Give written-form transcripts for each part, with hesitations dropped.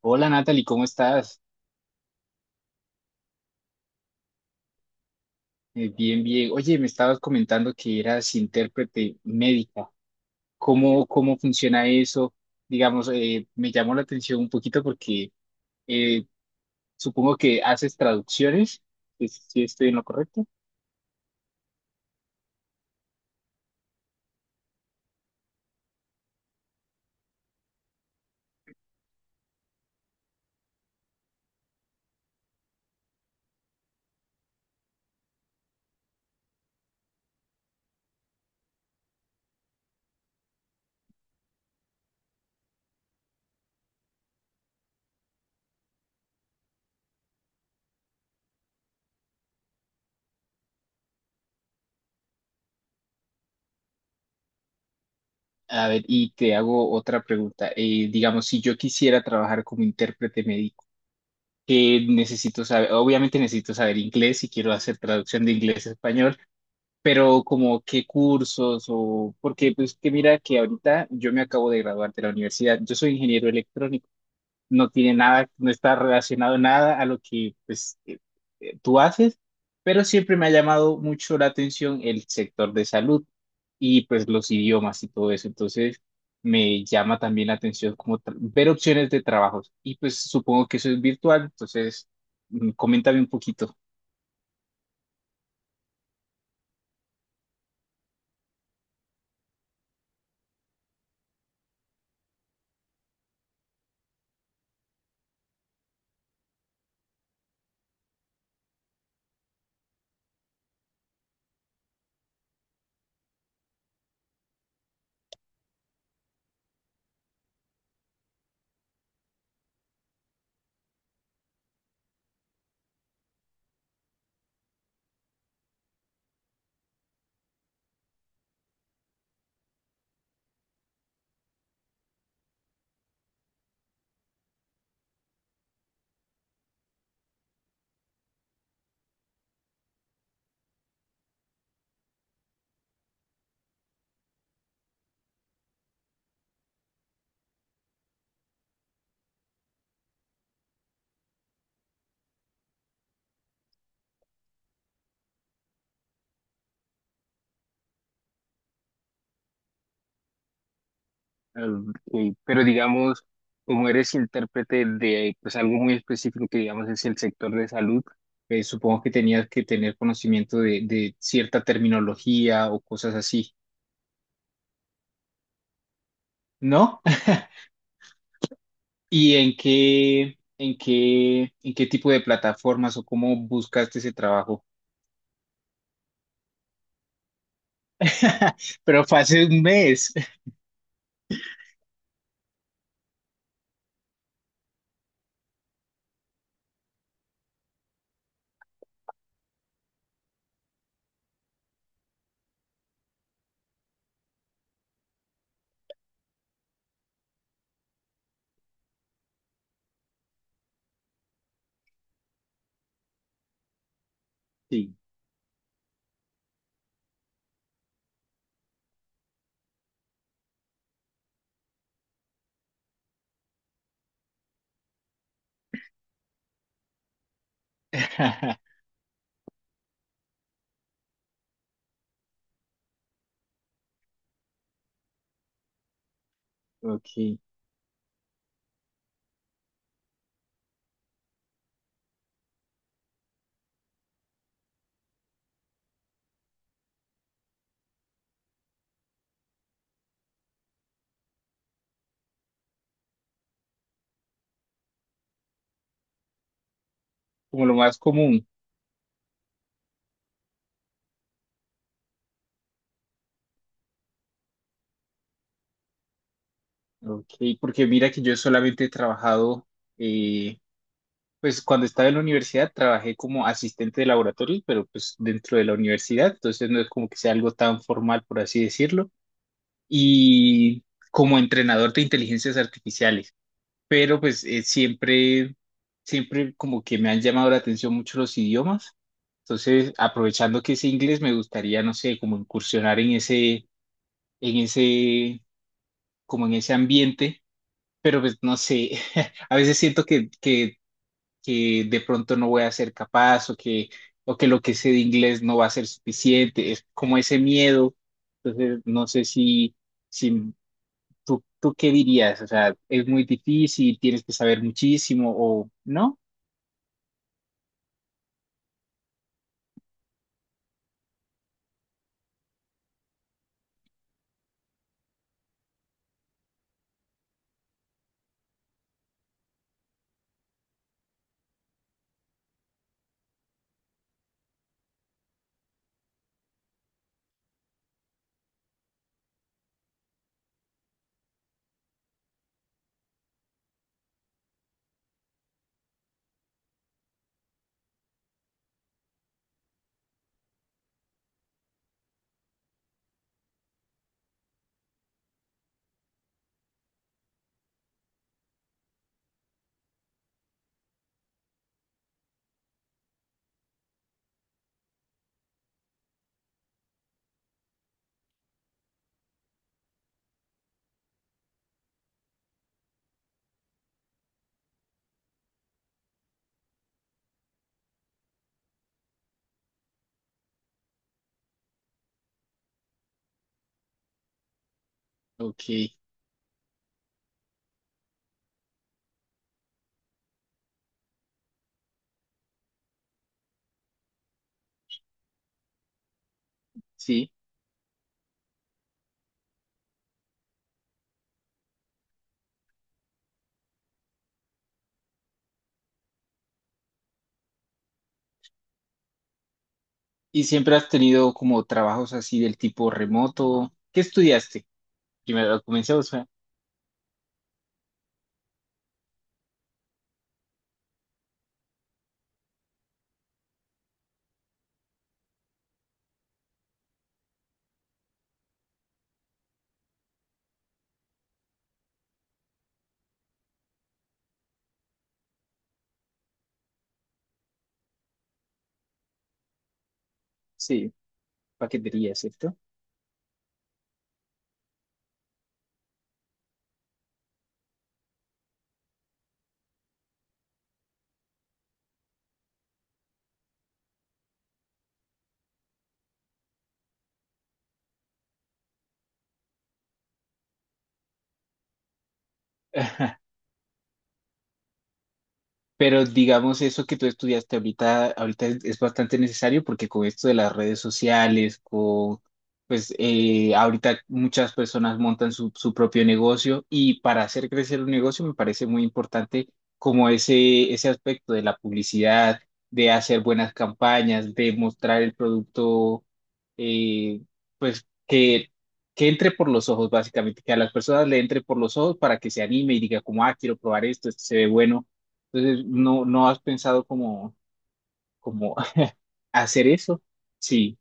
Hola, Natalie, ¿cómo estás? Bien, bien. Oye, me estabas comentando que eras intérprete médica. ¿Cómo funciona eso? Digamos, me llamó la atención un poquito porque eh, supongo que haces traducciones, si estoy en lo correcto. A ver, y te hago otra pregunta. Digamos, si yo quisiera trabajar como intérprete médico, ¿qué necesito saber? Obviamente necesito saber inglés si quiero hacer traducción de inglés a español. Pero como qué cursos, o porque pues, que mira que ahorita yo me acabo de graduar de la universidad. Yo soy ingeniero electrónico. No tiene nada, no está relacionado nada a lo que pues tú haces, pero siempre me ha llamado mucho la atención el sector de salud y pues los idiomas y todo eso. Entonces me llama también la atención como ver opciones de trabajos, y pues supongo que eso es virtual. Entonces, coméntame un poquito. Ok, pero digamos, como eres intérprete de pues algo muy específico, que digamos es el sector de salud, supongo que tenías que tener conocimiento de cierta terminología o cosas así, ¿no? ¿Y en qué, en qué, en qué tipo de plataformas o cómo buscaste ese trabajo? Pero fue hace un mes. Sí. Ok, como lo más común. Ok, porque mira que yo solamente he trabajado eh, pues cuando estaba en la universidad trabajé como asistente de laboratorio, pero pues dentro de la universidad, entonces no es como que sea algo tan formal, por así decirlo, y como entrenador de inteligencias artificiales, pero pues siempre como que me han llamado la atención mucho los idiomas, entonces aprovechando que es inglés, me gustaría, no sé, como incursionar en ese, como en ese ambiente, pero pues no sé, a veces siento que, que de pronto no voy a ser capaz, o que lo que sé de inglés no va a ser suficiente, es como ese miedo. Entonces, no sé si, si tú qué dirías. O sea, ¿es muy difícil, tienes que saber muchísimo o no? Ok, sí. ¿Y siempre has tenido como trabajos así del tipo remoto? ¿Qué estudiaste? Primero, comencemos. Ah, sí, paquetería, ¿cierto? Pero digamos, eso que tú estudiaste ahorita, ahorita es bastante necesario, porque con esto de las redes sociales, con, pues ahorita muchas personas montan su, su propio negocio, y para hacer crecer un negocio me parece muy importante como ese aspecto de la publicidad, de hacer buenas campañas, de mostrar el producto, eh, pues que entre por los ojos básicamente, que a las personas le entre por los ojos para que se anime y diga como, ah, quiero probar esto, esto se ve bueno. Entonces, ¿no, no has pensado como, como hacer eso? Sí,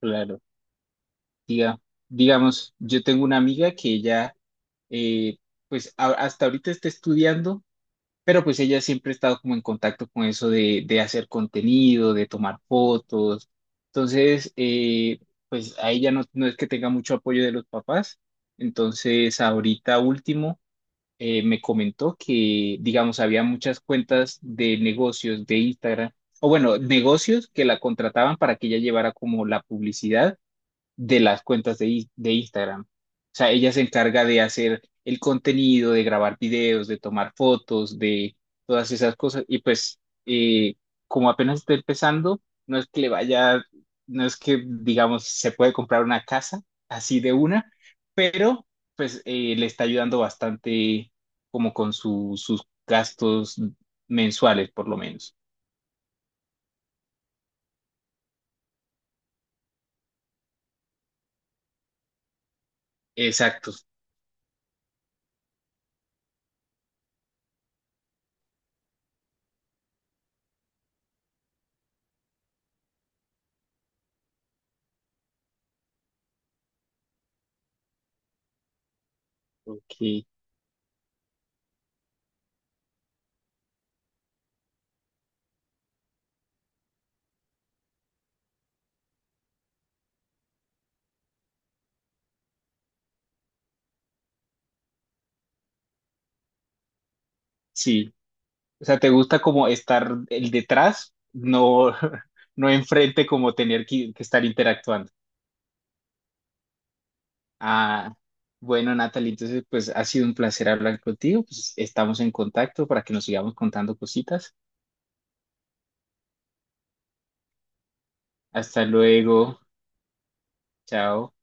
claro. Diga, digamos, yo tengo una amiga que ella, eh, pues hasta ahorita está estudiando, pero pues ella siempre ha estado como en contacto con eso de hacer contenido, de tomar fotos. Entonces, pues a ella no, no es que tenga mucho apoyo de los papás. Entonces, ahorita último me comentó que, digamos, había muchas cuentas de negocios de Instagram, o bueno, negocios que la contrataban para que ella llevara como la publicidad de las cuentas de, de Instagram. O sea, ella se encarga de hacer el contenido, de grabar videos, de tomar fotos, de todas esas cosas. Y pues, eh, como apenas está empezando, no es que le vaya, no es que, digamos, se puede comprar una casa así de una, pero pues le está ayudando bastante como con sus gastos mensuales, por lo menos. Exacto. Ok, sí. O sea, ¿te gusta como estar el detrás, no, no enfrente, como tener que estar interactuando? Ah, bueno, Natalie, entonces pues ha sido un placer hablar contigo. Pues estamos en contacto para que nos sigamos contando cositas. Hasta luego. Chao.